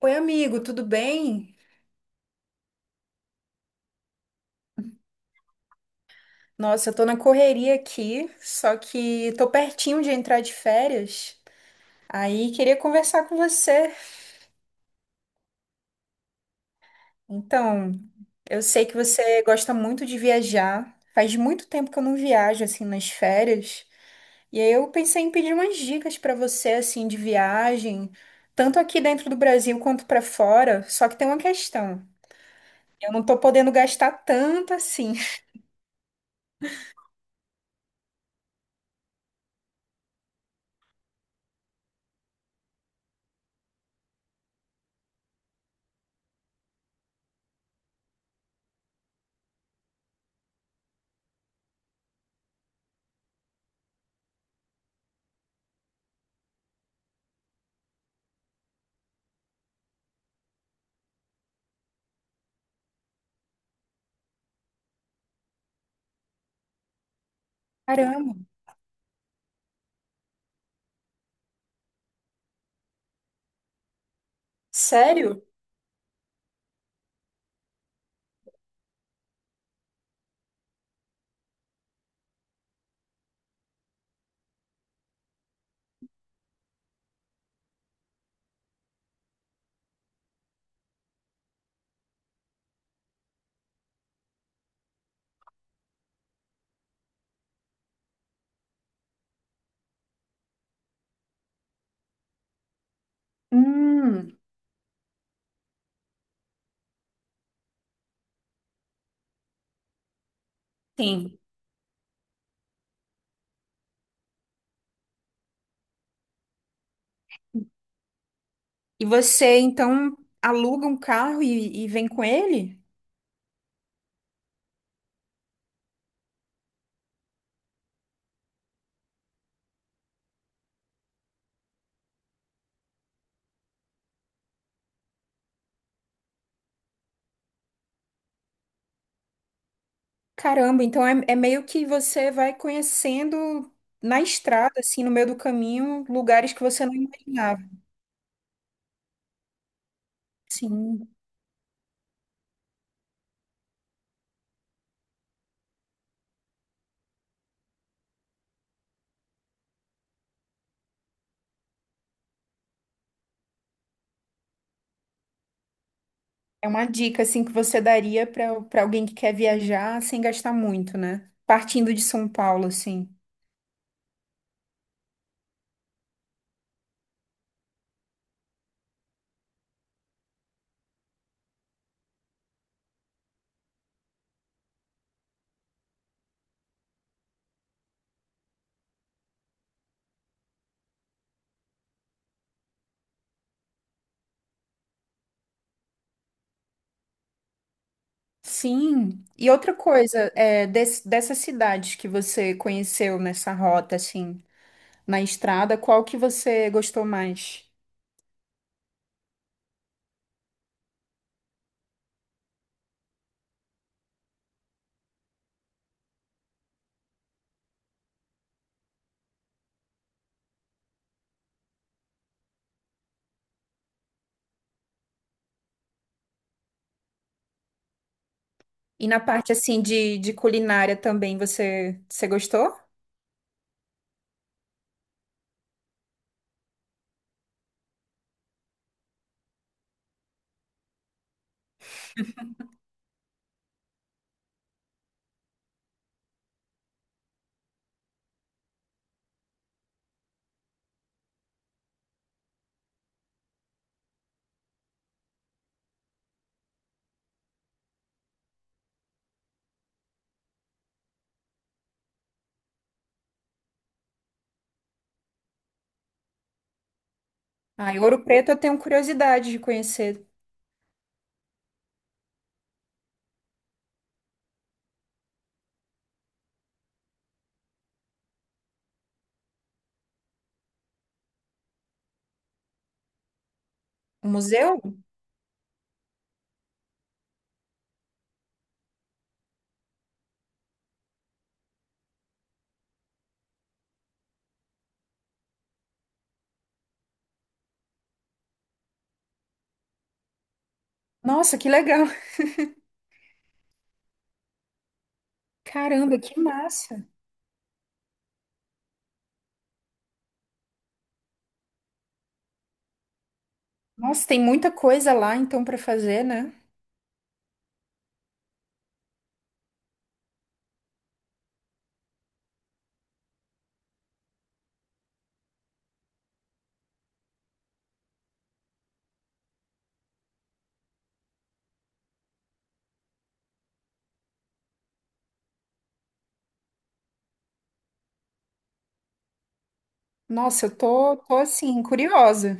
Oi, amigo, tudo bem? Nossa, eu tô na correria aqui, só que tô pertinho de entrar de férias. Aí queria conversar com você. Então, eu sei que você gosta muito de viajar. Faz muito tempo que eu não viajo assim nas férias. E aí eu pensei em pedir umas dicas pra você assim de viagem, tanto aqui dentro do Brasil quanto pra fora. Só que tem uma questão. Eu não tô podendo gastar tanto assim. Caramba, sério? Hum, sim. E você então aluga um carro e, vem com ele? Caramba, então é, é meio que você vai conhecendo na estrada, assim, no meio do caminho, lugares que você não imaginava. Sim, é uma dica assim que você daria para alguém que quer viajar sem gastar muito, né? Partindo de São Paulo, assim. Sim. E outra coisa, é, dessas cidades que você conheceu nessa rota, assim, na estrada, qual que você gostou mais? E na parte assim de culinária também, você, você gostou? Ah, em Ouro Preto eu tenho curiosidade de conhecer o museu. Nossa, que legal! Caramba, que massa! Nossa, tem muita coisa lá então para fazer, né? Nossa, eu tô, tô assim curiosa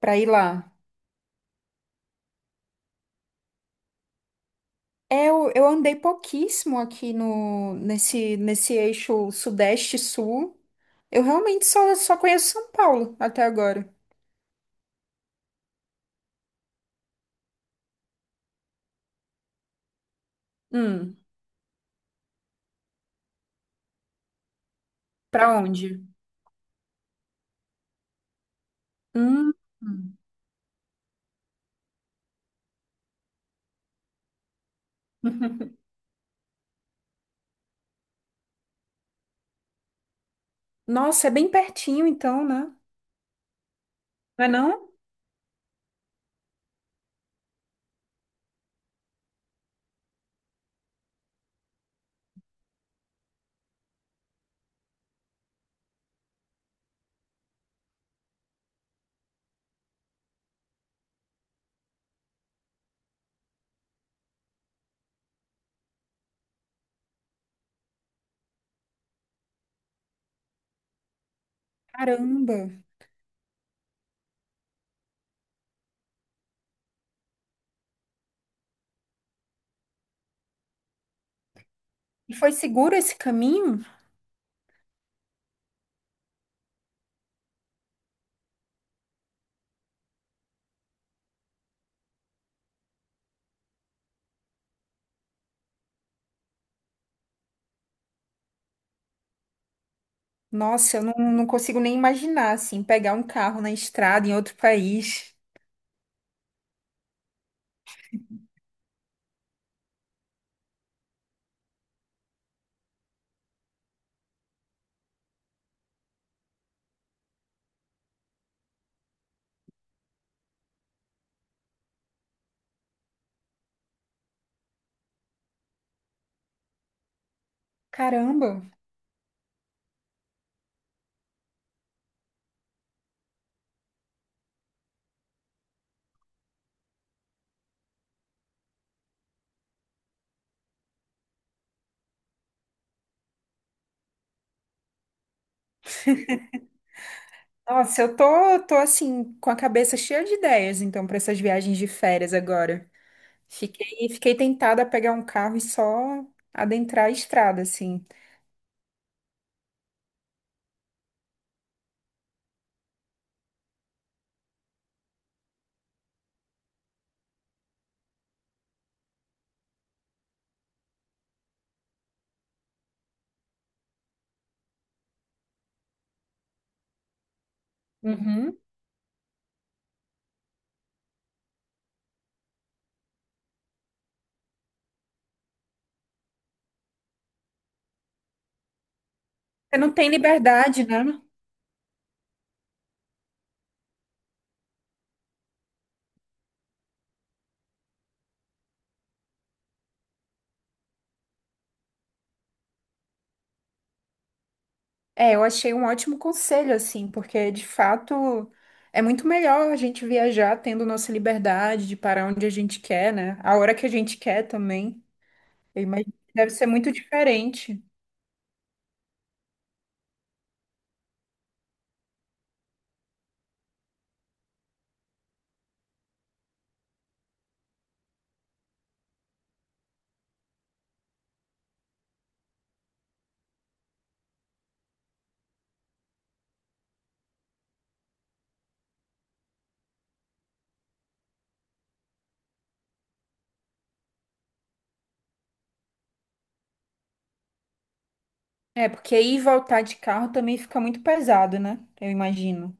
para ir lá. É, eu andei pouquíssimo aqui no nesse eixo sudeste-sul. Eu realmente só, só conheço São Paulo até agora. Hum, para onde? Hum. Nossa, é bem pertinho então, né? Não é não? Caramba. E foi seguro esse caminho? Nossa, eu não, não consigo nem imaginar, assim, pegar um carro na estrada em outro país. Caramba. Nossa, eu tô, tô assim, com a cabeça cheia de ideias, então, para essas viagens de férias agora. Fiquei, fiquei tentada a pegar um carro e só adentrar a estrada, assim. Uhum. Você não tem liberdade, né? É, eu achei um ótimo conselho, assim, porque de fato é muito melhor a gente viajar tendo nossa liberdade de parar onde a gente quer, né? A hora que a gente quer também. Eu imagino que deve ser muito diferente. É, porque ir e voltar de carro também fica muito pesado, né? Eu imagino.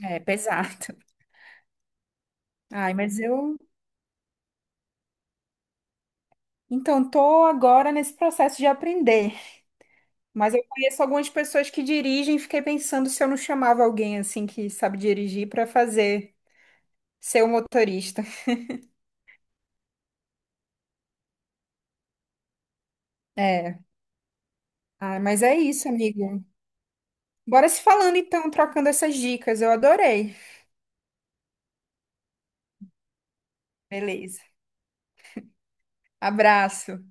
É, pesado. Ai, mas eu. Então, tô agora nesse processo de aprender. Mas eu conheço algumas pessoas que dirigem e fiquei pensando se eu não chamava alguém, assim, que sabe dirigir para fazer ser o motorista. É. Ah, mas é isso, amigo. Bora se falando então, trocando essas dicas. Eu adorei. Beleza. Abraço.